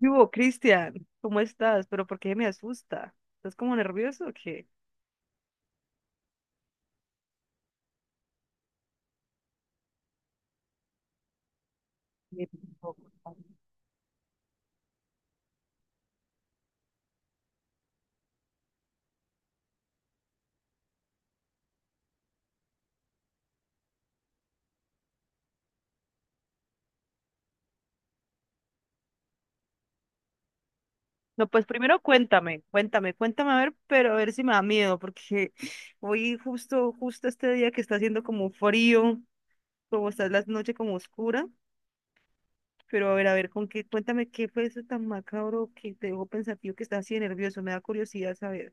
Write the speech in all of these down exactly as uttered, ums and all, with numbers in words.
¿Qué hubo, Cristian? ¿Cómo estás? ¿Pero por qué me asusta? ¿Estás como nervioso o qué? Me preocupa. No, pues primero cuéntame, cuéntame, cuéntame a ver, pero a ver si me da miedo, porque hoy justo, justo este día que está haciendo como frío, como está la noche como oscura, pero a ver, a ver, con qué, cuéntame qué fue eso tan macabro que te dejó pensativo, que estás así de nervioso, me da curiosidad saber.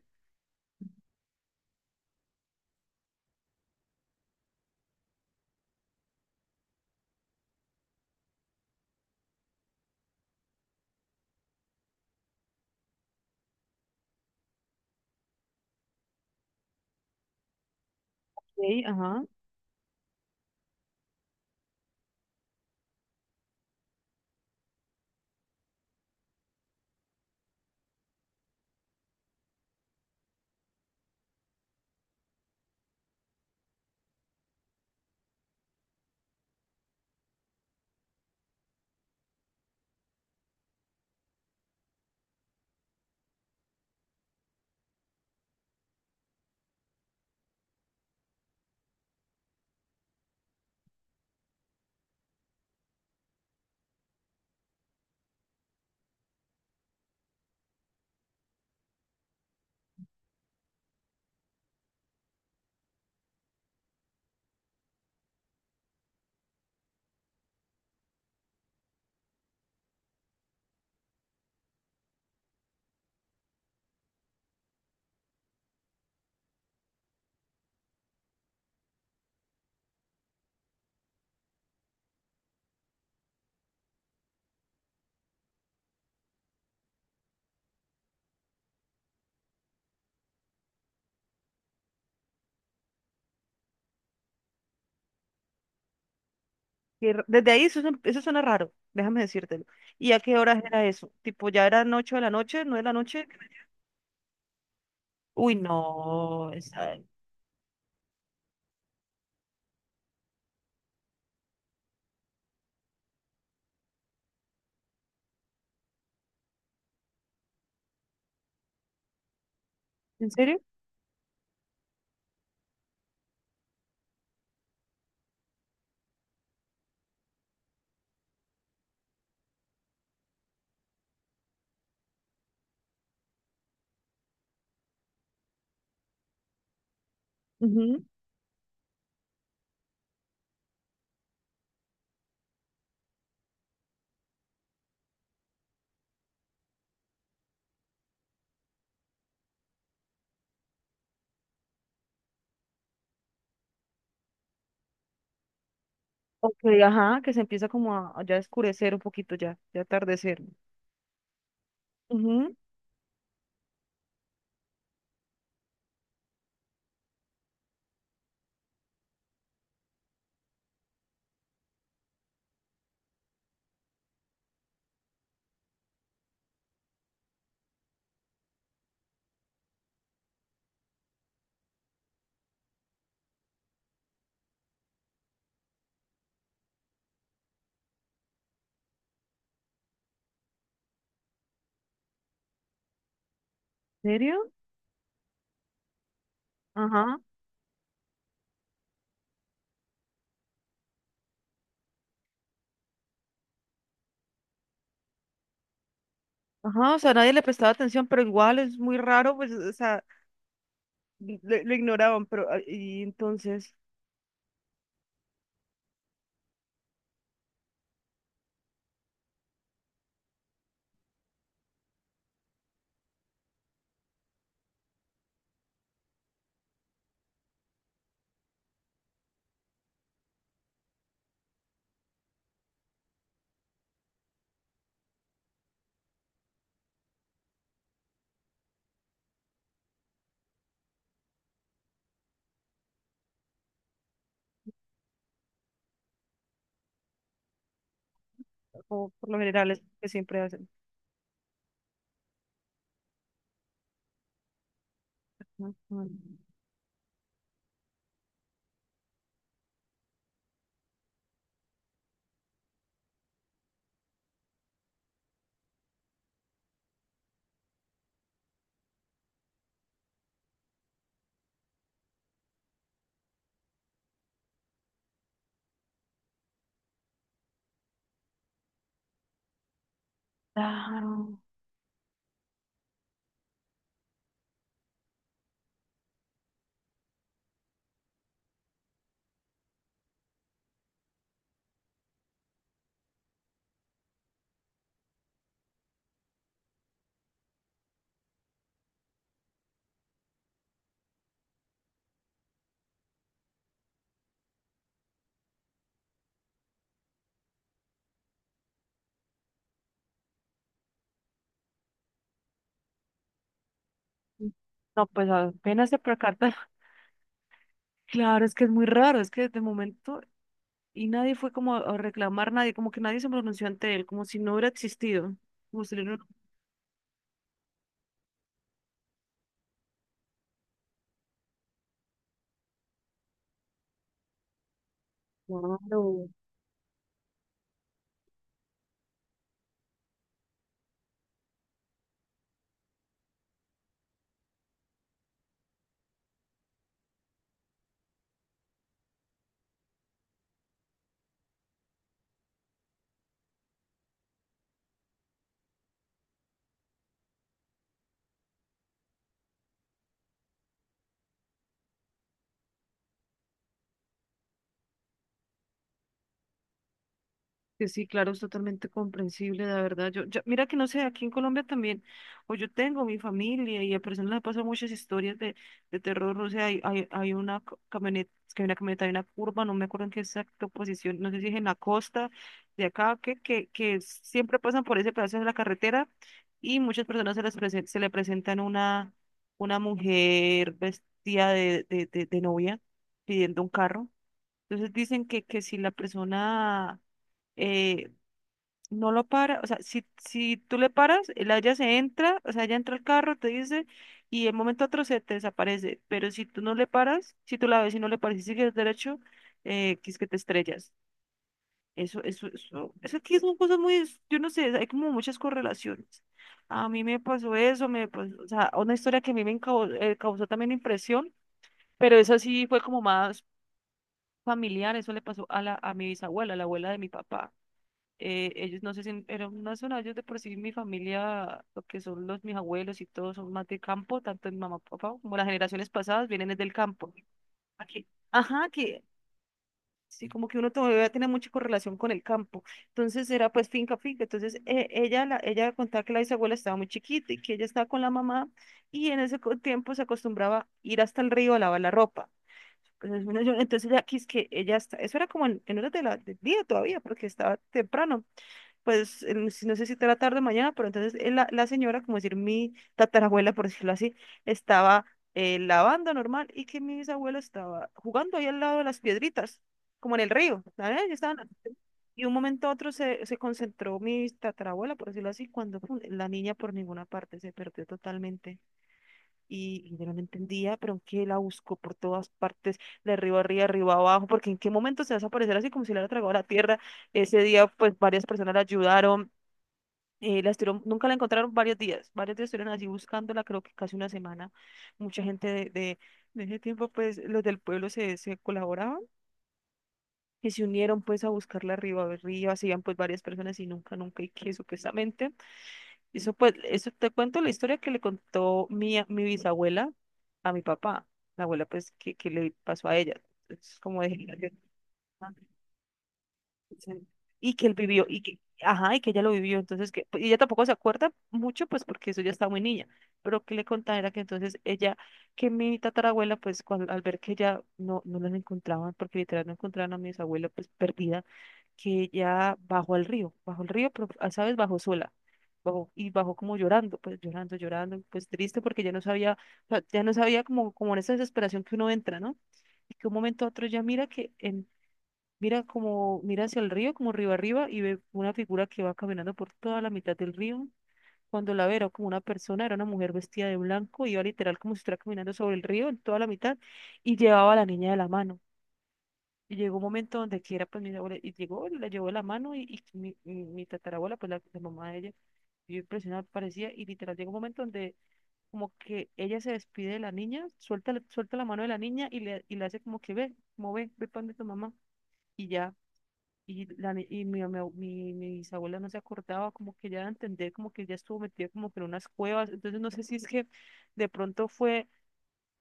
Sí, ajá. Qué ra- Desde ahí eso, suena- eso suena raro, déjame decírtelo. ¿Y a qué horas era eso? Tipo, ya eran ocho de la noche, nueve de la noche. Uy, no, esa- ¿En serio? Ujú. Ok, ajá, que se empieza como a, a ya oscurecer un poquito, ya, ya atardecer. Ujú. ¿En serio? Ajá, ajá, o sea, nadie le prestaba atención, pero igual es muy raro, pues, o sea, li- lo, lo ignoraban, pero, ah, y entonces, como por lo general es lo que siempre hacen. Ujú. Claro. No, pues apenas se percata. Claro, es que es muy raro, es que de momento y nadie fue como a reclamar, nadie, como que nadie se pronunció ante él, como si no hubiera existido. Como si no hubiera... Claro. Que sí, claro, es totalmente comprensible, la verdad. Yo, yo, mira que no sé, aquí en Colombia también, o yo tengo mi familia y a personas les pasan muchas historias de, de terror, o sea, hay, hay, hay una co- camioneta, es que hay una camioneta, hay una curva, no me acuerdo en qué exacta posición, no sé si es en la costa de acá, que, que, que siempre pasan por ese pedazo de la carretera y muchas personas se les presen- se le presentan una, una mujer vestida de, de, de, de novia pidiendo un carro. Entonces dicen que, que si la persona eh, no lo para, o sea, si, si tú le paras, el haya se entra, o sea, ella entra al carro, te dice, y de un momento a otro se te desaparece, pero si tú no le paras, si tú la ves y no le paras y sigues derecho, eh, que es que te estrellas. Eso, eso, eso, eso aquí son cosas muy, yo no sé, hay como muchas correlaciones. A mí me pasó eso, me pasó, o sea, una historia que a mí me encau- eh, causó también impresión, pero esa sí fue como más familiar, eso le pasó a la, a mi bisabuela, la abuela de mi papá. eh, ellos no sé si eran más sonados de por sí mi familia, lo que son los mis abuelos y todos son más de campo, tanto mi mamá, papá, como las generaciones pasadas vienen es del campo. Aquí. Ajá, que sí, como que uno todavía tiene mucha correlación con el campo. Entonces era pues finca, finca. Entonces eh, ella, la, ella contaba que la bisabuela estaba muy chiquita y que ella estaba con la mamá y en ese co- tiempo se acostumbraba a ir hasta el río a lavar la ropa. Entonces, bueno, yo- entonces ya que es que ella está, eso era como en, en horas de la, del día todavía, porque estaba temprano pues el- si no sé si era tarde o mañana, pero entonces eh, la, la señora, como decir mi tatarabuela, por decirlo así, estaba eh, lavando normal y que mi bisabuelo estaba jugando ahí al lado de las piedritas, como en el río, ¿sabes? Ellos estaban... Y un momento a otro se, se concentró mi tatarabuela, por decirlo así, cuando pum, la niña por ninguna parte se perdió totalmente. Y, y yo no la entendía, pero que la buscó por todas partes, de arriba arriba, arriba abajo, porque en qué momento se va a desaparecer así como si le hubiera tragado la tierra. Ese día, pues varias personas la ayudaron. Eh, la estuvieron- nunca la encontraron varios días, varios días estuvieron así buscándola, creo que casi una semana. Mucha gente de, de, de ese tiempo, pues los del pueblo se, se colaboraban y se unieron pues a buscarla arriba, arriba, se iban pues varias personas y nunca, nunca, y que supuestamente, eso pues, eso te cuento la historia que le contó mi, a- mi bisabuela a mi papá, la abuela pues que, que le pasó a ella. Es como de... Sí. Y que él vivió, y que, ajá, y que ella lo vivió, entonces que, y ella tampoco se acuerda mucho, pues porque eso ya estaba muy niña, pero que le contaba era que entonces ella, que mi tatarabuela, pues cuando, al ver que ella no, no las encontraban, porque literal no encontraban a mi bisabuela, pues perdida, que ella bajó al río, bajó al río, pero, ah, ¿sabes? Bajó sola. Bajó, y bajó como llorando, pues llorando, llorando, pues triste porque ya no sabía, o sea, ya no sabía como, como en esa desesperación que uno entra, ¿no? Y que un momento a otro ya mira que en... Mira como, mira hacia el río, como río arriba, y ve una figura que va caminando por toda la mitad del río. Cuando la ve, era como una persona, era una mujer vestida de blanco, iba literal como si estuviera caminando sobre el río en toda la mitad, y llevaba a la niña de la mano. Y llegó un momento donde quiera, pues mi abuela, y llegó, y la llevó de la mano, y, y mi, mi- mi tatarabuela, pues la, la mamá de ella, yo impresionada parecía, y literal llegó un momento donde como que ella se despide de la niña, suelta, la- suelta la mano de la niña y le, y le hace como que ve, como ve, ve para donde tu mamá, y ya. Y, la, ni- y mi, mi, mi, mi bisabuela no se acordaba, como que ya de entender, como que ya estuvo metida como que en unas cuevas. Entonces no sé si es que de pronto fue,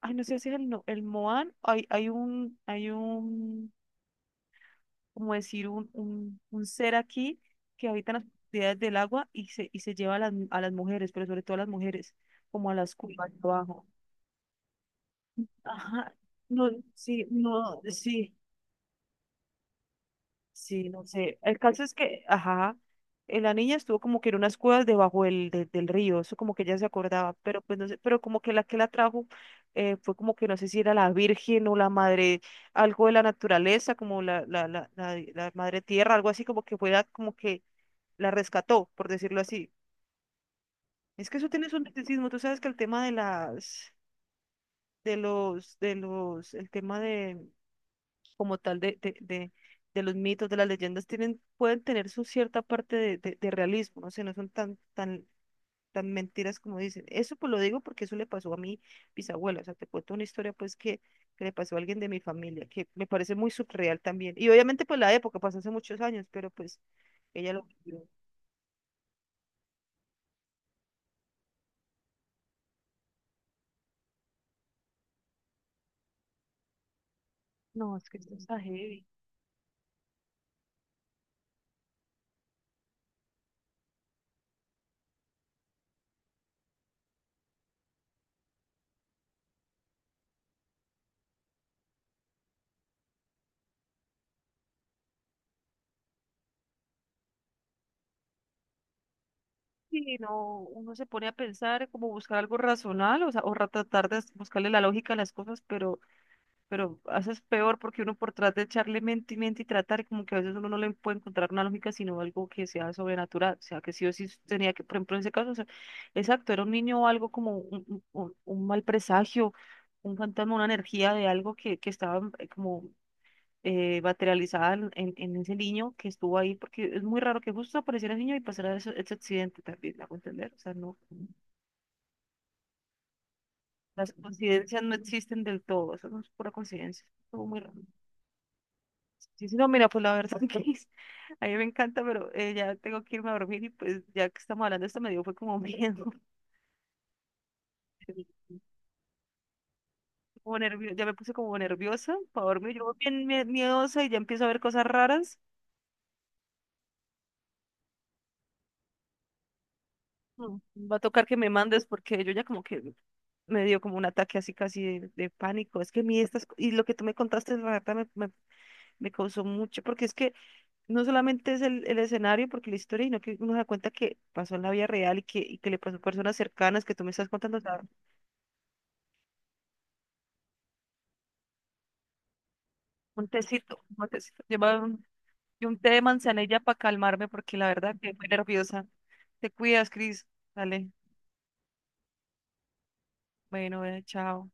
ay, no sé si es el, no- el Moan, hay, hay un, hay un, como decir, un, un, un ser aquí que habita en las profundidades del agua y se, y se lleva a las, a las mujeres, pero sobre todo a las mujeres, como a las cuevas de abajo. Ajá, no, sí, no, sí. Sí, no sé. El caso es que, ajá, eh, la niña estuvo como que en unas cuevas debajo del, de- del río, eso como que ella se acordaba, pero pues no sé, pero como que la que la trajo eh, fue como que no sé si era la Virgen o la madre, algo de la naturaleza, como la, la, la, la, la madre tierra, algo así como que fue la- como que la rescató, por decirlo así. Es que eso tiene su misticismo, tú sabes que el tema de las, de los, de los, el tema de como tal de, de, de, de los mitos, de las leyendas, tienen, pueden tener su cierta parte de, de, de realismo, no sé, no son tan, tan, tan mentiras como dicen. Eso pues lo digo porque eso le pasó a mi bisabuela, o sea, te cuento una historia pues que, que le pasó a alguien de mi familia, que me parece muy surreal también. Y obviamente pues la época pasó hace muchos años, pero pues ella lo vivió. No, es que esto está heavy. Sí, no, uno se pone a pensar como buscar algo razonable, o sea, o ra- tratar de buscarle la lógica a las cosas, pero pero haces peor porque uno por tratar de echarle mente y mente y tratar, y como que a veces uno no le puede encontrar una lógica, sino algo que sea sobrenatural, o sea, que sí o sí tenía que, por ejemplo, en ese caso, o sea, exacto, era un niño o algo como un, un- un- un mal presagio, un fantasma, una energía de algo que, que estaba eh, como eh, materializada en, en- en ese niño que estuvo ahí, porque es muy raro que justo apareciera el niño y pasara ese, ese accidente también, ¿me hago entender? O sea, no, las coincidencias no existen del todo, eso no es pura coincidencia, estuvo muy raro. Sí, sí, no, mira, pues la verdad que a mí me encanta, pero eh, ya tengo que irme a dormir y pues ya que estamos hablando de esto me dio fue como miedo, como nervio, ya me puse como nerviosa para dormir, yo voy bien mie- miedosa y ya empiezo a ver cosas raras. Mm. Va a tocar que me mandes porque yo ya como que me dio como un ataque así casi de, de pánico. Es que a mí estas, co- y lo que tú me contaste, la verdad me, me, me causó mucho, porque es que no solamente es el, el escenario, porque la historia, sino que uno se da cuenta que pasó en la vida real y que, y que le pasó a personas cercanas que tú me estás contando. Un tecito, un tecito. Lleva un, y un té de manzanilla para calmarme porque la verdad que muy nerviosa. Te cuidas, Cris. Dale. Bueno, eh, chao.